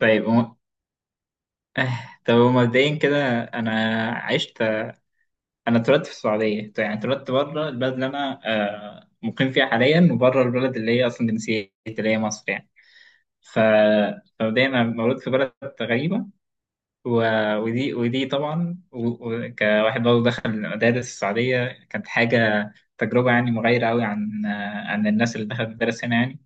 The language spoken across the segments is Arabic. طيب هو- آه، طب هو مبدئيا كده عشت انا اتولدت في السعوديه. طيب، يعني اتولدت بره البلد اللي انا مقيم فيها حاليا، وبره البلد اللي هي اصلا جنسيتي، اللي هي مصر يعني. ف فمبدئيا انا مولود في بلد غريبه، و... ودي طبعا، كواحد برضه دخل مدارس السعوديه، كانت حاجه تجربه يعني مغايره قوي عن عن الناس اللي دخلت مدارس هنا يعني.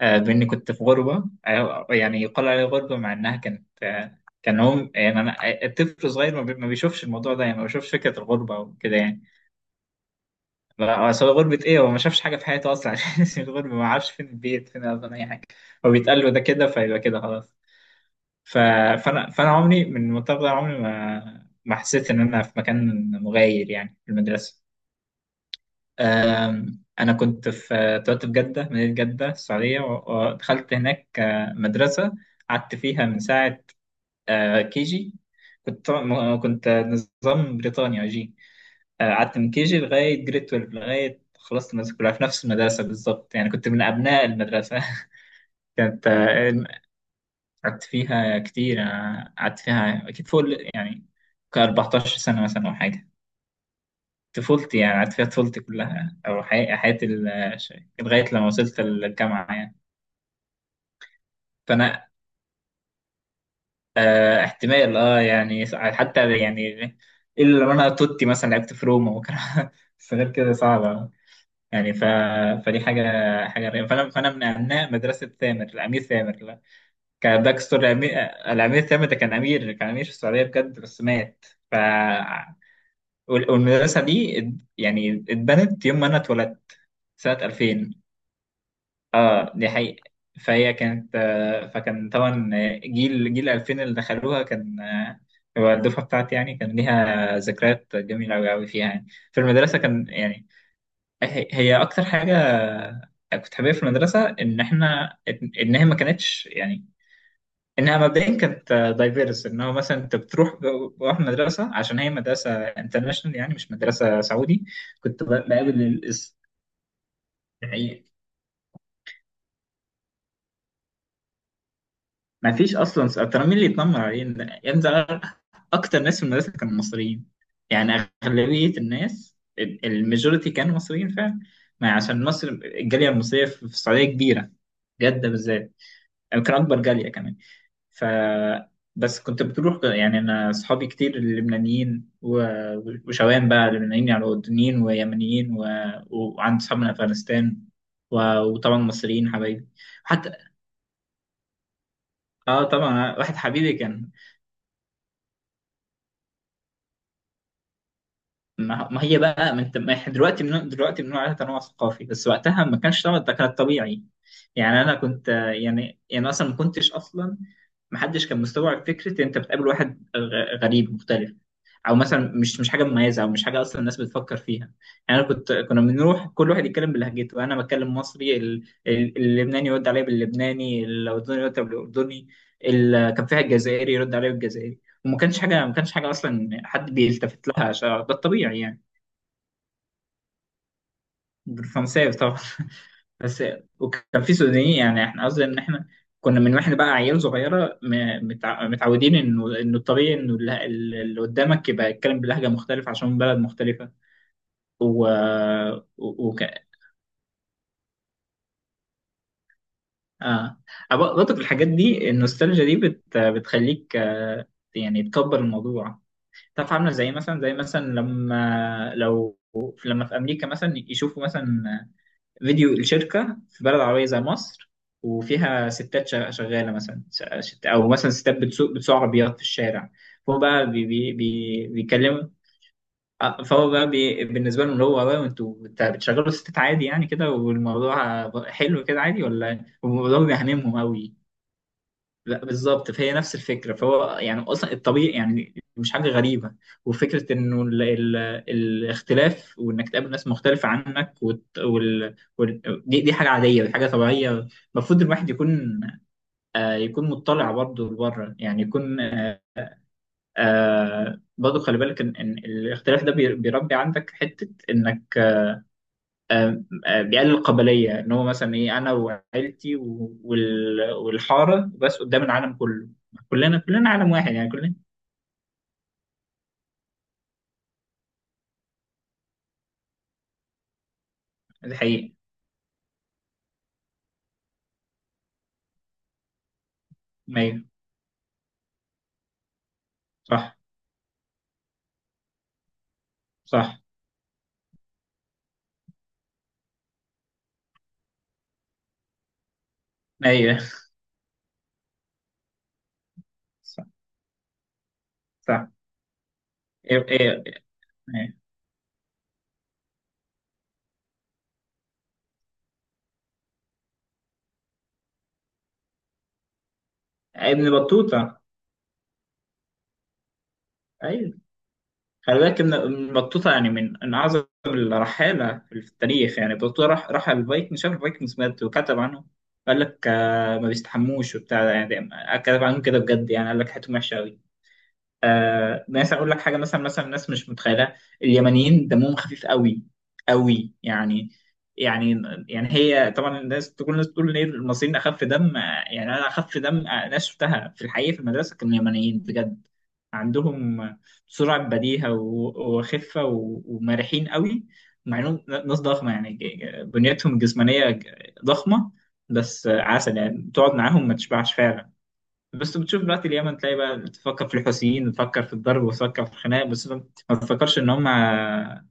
بإني كنت في غربة، يعني يقال عليها غربة، مع إنها كانت كان هم يعني أنا الطفل الصغير ما بيشوفش الموضوع ده، يعني ما بيشوفش فكرة الغربة وكده يعني. لا، أصل هو غربة إيه؟ هو ما شافش حاجة في حياته أصلا عشان اسم الغربة، ما عارفش فين البيت، فين أصلا أي حاجة. هو بيتقال له ده كده فيبقى كده خلاص. ف... فأنا عمري من المنطقة ده، عمري ما حسيت إن أنا في مكان مغاير، يعني في المدرسة. أنا كنت في طلعت في جدة، مدينة جدة السعودية، ودخلت هناك مدرسة قعدت فيها من ساعة كي جي. كنت نظام بريطانيا جي. قعدت من كي جي لغاية جريد 12، لغاية خلصت المدرسة كلها في نفس المدرسة بالظبط، يعني كنت من أبناء المدرسة كانت قعدت فيها كتير، أنا قعدت فيها أكيد فوق يعني ك 14 سنة مثلا أو حاجة. طفولتي، يعني قعدت فيها طفولتي كلها، او حياتي لغايه لما وصلت الجامعه يعني. فانا آه احتمال، يعني حتى يعني، الا لو انا توتي مثلا لعبت في روما وكان بس غير كده صعبه يعني. فدي حاجه غريبه. فانا من ابناء مدرسه ثامر، الامير ثامر. لا، كان باك ستوري الامير ثامر ده كان امير في السعوديه بجد، بس مات. ف والمدرسه دي يعني اتبنت يوم ما انا اتولدت، سنة 2000. اه، دي حقيقة. فهي كانت فكان طبعا جيل 2000 اللي دخلوها كان هو الدفعة بتاعتي، يعني كان ليها ذكريات جميلة أوي أوي فيها، يعني في المدرسة كان يعني. هي أكتر حاجة كنت حاببها في المدرسة إن إحنا، إن هي ما كانتش يعني، إنها مبدئيا كانت دايفيرس. إن هو مثلا أنت بروح مدرسة عشان هي مدرسة انترناشونال، يعني مش مدرسة سعودي. كنت بقابل الحقيقة. ما فيش اصلا ترى مين اللي يتنمر علينا يا ابني ده؟ اكتر ناس في المدرسه كانوا مصريين، يعني اغلبيه الناس، الماجوريتي كانوا مصريين فعلا. ما عشان مصر، الجاليه المصريه في السعوديه كبيره. جده بالذات، يعني كان اكبر جاليه كمان. ف بس كنت بتروح، يعني انا اصحابي كتير لبنانيين، وشوام بقى، لبنانيين يعني، اردنيين ويمنيين، وعندي اصحاب من افغانستان، وطبعا مصريين حبايبي حتى. اه طبعا، واحد حبيبي كان. ما هي بقى من، ما احنا دلوقتي من دلوقتي بنقول عليها تنوع ثقافي، بس وقتها ما كانش، طبعا ده كان طبيعي. يعني انا كنت يعني اصلا ما كنتش، اصلا ما حدش كان مستوعب فكره انت بتقابل واحد غريب مختلف. او مثلا مش حاجه مميزه، او مش حاجه اصلا الناس بتفكر فيها. يعني انا كنت كنا بنروح كل واحد يتكلم بلهجته، انا بتكلم مصري، اللبناني يرد عليا باللبناني، الاردني يرد عليا بالاردني. كان فيها الجزائري يرد عليا بالجزائري، وما كانش حاجه، ما كانش حاجه اصلا حد بيلتفت لها عشان ده الطبيعي يعني. فرنساوي طبعا بس وكان في سودانيين، يعني احنا قصدي ان احنا كنا من، واحنا بقى عيال صغيره متعودين انه الطبيعي انه اللي قدامك يبقى يتكلم بلهجه مختلفه عشان بلد مختلفه. و, و... وك... اه، برضك الحاجات دي، النوستالجيا دي بتخليك يعني تكبر الموضوع. تعرف عامله زي مثلا، لما في امريكا مثلا يشوفوا مثلا فيديو الشركة في بلد عربية زي مصر، وفيها ستات شغالة مثلا، أو مثلا ستات بتسوق عربيات في الشارع. فهو بقى بي بي بي بيكلموا، فهو بقى بالنسبة لهم، اللي هو "واو، انتوا بتشغلوا ستات عادي يعني كده، والموضوع حلو كده عادي، ولا الموضوع بيهممهم أوي؟" لا، بالظبط، فهي نفس الفكره، فهو يعني اصلا الطبيعي، يعني مش حاجه غريبه. وفكره انه ال ال الاختلاف، وانك تقابل ناس مختلفه عنك، وت وال وال دي, دي حاجه عاديه، دي حاجه طبيعيه. المفروض الواحد يكون يكون مطلع برضه لبره، يعني يكون برضه خلي بالك ان الاختلاف ده بيربي عندك حته انك بيقلل القبليه، ان هو مثلا ايه، انا وعيلتي والحاره بس، قدام العالم كله. كلنا عالم واحد، يعني كلنا. دي حقيقة. أيوة، صح صح. أيوة، صح صح. إيه، إيه، إيه. ابن بطوطة. أيوه، خلي بالك إن ابن بطوطة يعني من أعظم الرحالة في التاريخ. يعني بطوطة راح الفايكنج، شاف الفايكنجز، مات وكتب عنه. قال لك ما بيستحموش وبتاع، يعني كتب عنهم كده بجد، يعني قال لك حياتهم وحشة أوي. ناس، اقول لك حاجه. مثلا ناس مش متخيله، اليمنيين دمهم خفيف قوي، قوي يعني يعني. هي طبعا الناس تقول ليه المصريين اخف دم، يعني انا اخف دم، ناس شفتها في الحقيقه في المدرسه كانوا يمنيين بجد. عندهم سرعه بديهه وخفه ومرحين قوي، مع انهم ناس ضخمه. يعني بنيتهم الجسمانيه ضخمه. بس عسل، يعني تقعد معاهم ما تشبعش فعلا. بس بتشوف دلوقتي اليمن، تلاقي بقى بتفكر في الحوثيين، وتفكر في الضرب، وتفكر في الخناق. بس ما تفكرش ان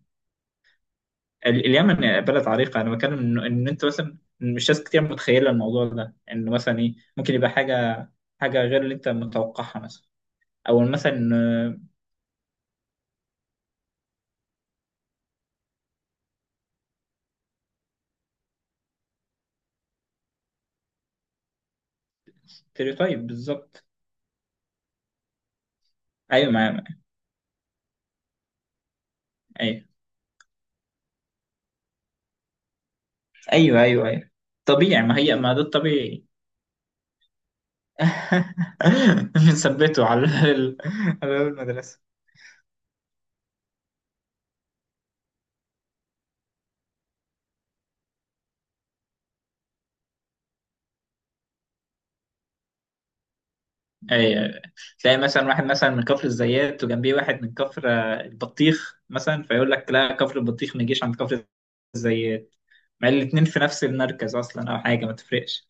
اليمن بلد عريقه. انا بتكلم إن انت مثلا، مش ناس كتير متخيله الموضوع ده، ان مثلا ايه، ممكن يبقى حاجه غير اللي انت متوقعها، مثلا او مثلا. ستيريوتايب بالظبط. ايوه، معايا. ايوه، ايوه، ايوه، ايوه. طبيعي، ما هي، ما ده الطبيعي بنثبته على على المدرسه اي. تلاقي مثلا واحد مثلا من كفر الزيات، وجنبيه واحد من كفر البطيخ مثلا، فيقول لك لا، كفر البطيخ ما يجيش عند كفر الزيات، مع الاتنين في نفس المركز اصلا، او حاجه ما تفرقش.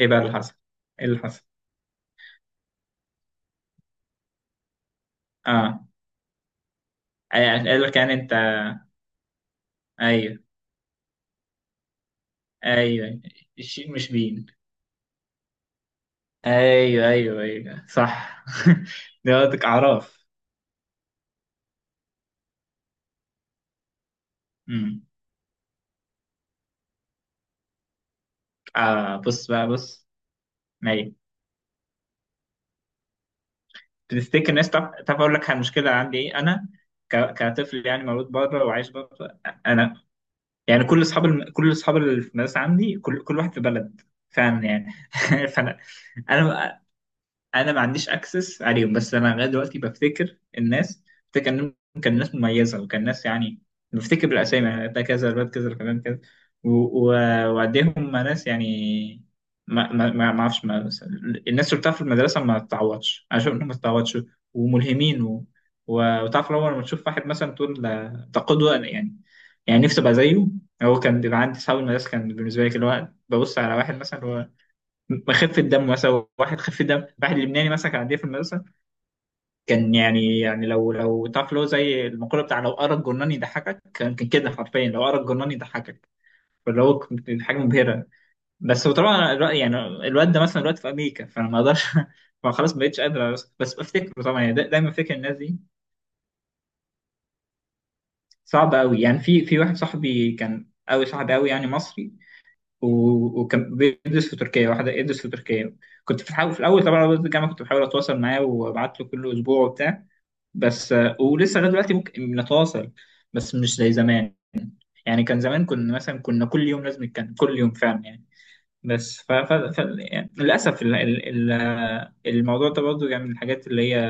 ايه بقى اللي حصل؟ ايه اللي حصل؟ اه، أي- قال لك يعني انت. ايوه، ايوه. الشين مش بين. ايوه، ايوه، ايوه، صح ده قصدك اعراف. امم. اه، بص بقى بص. تفتكر الناس، تعرف، اقول لك المشكله عندي ايه، انا كطفل يعني، مولود بره وعايش بره. انا يعني كل اصحاب اللي في المدرسه عندي، كل واحد في بلد فعلا يعني فانا انا انا ما عنديش اكسس عليهم. بس انا لغايه دلوقتي بفتكر الناس، بفتكر انهم كان ناس مميزه، وكان ناس يعني. بفتكر بالاسامي، يعني ده كذا الواد، كذا الفلان كذا، وقديهم ناس يعني. ما ما ما ما اعرفش ما بس- الناس اللي بتعرف في المدرسه ما تتعوضش، انا شايف انهم ما تتعوضش، وملهمين. وتعرف لو لما تشوف واحد مثلا تقول ده قدوه، يعني يعني نفسي ابقى زيه. هو كان بيبقى عندي صحاب المدرسه، كان بالنسبه لي كده، اللي هو ببص على واحد مثلا خفة دم مثلا، واحد خفة دم، واحد لبناني مثلا كان عندي في المدرسة. كان يعني يعني لو تعرف اللي هو زي المقولة بتاع، لو قرا الجرنان يضحكك، كان كده حرفيا لو قرا الجرنان يضحكك. فاللي هو كانت حاجة مبهرة. بس هو طبعا يعني الواد ده مثلا دلوقتي في أمريكا، فأنا ما أقدرش فخلاص ما بقتش قادر، بس بفتكره طبعا، يعني دايما فاكر الناس دي. صعبة أوي، يعني في واحد صاحبي كان أوي، صاحبي أوي يعني، مصري، وكان بيدرس في تركيا، واحد يدرس في تركيا. كنت بحاول في الاول طبعا، وقت الجامعه كنت بحاول اتواصل معاه، وابعت له كل اسبوع وبتاع. بس ولسه لغايه دلوقتي ممكن نتواصل، بس مش زي زمان. يعني كان زمان كنا مثلا، كنا كل يوم لازم نتكلم كل يوم فعلا يعني. بس يعني للاسف ال... ال... ال... آه، الموضوع ده برضه يعني من الحاجات اللي هي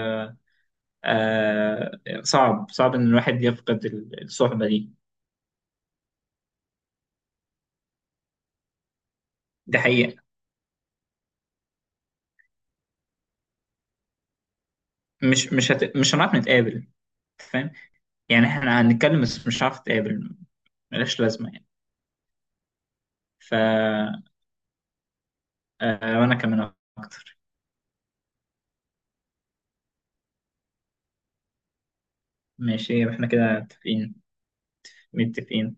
صعب ان الواحد يفقد الصحبه دي. دي حقيقه. مش هنعرف نتقابل. فاهم؟ يعني احنا هنتكلم، بس مش هنعرف نتقابل، ملهاش لازمة يعني. ف وأنا كمان، أكتر. ماشي، يبقى إحنا كده متفقين. متفقين.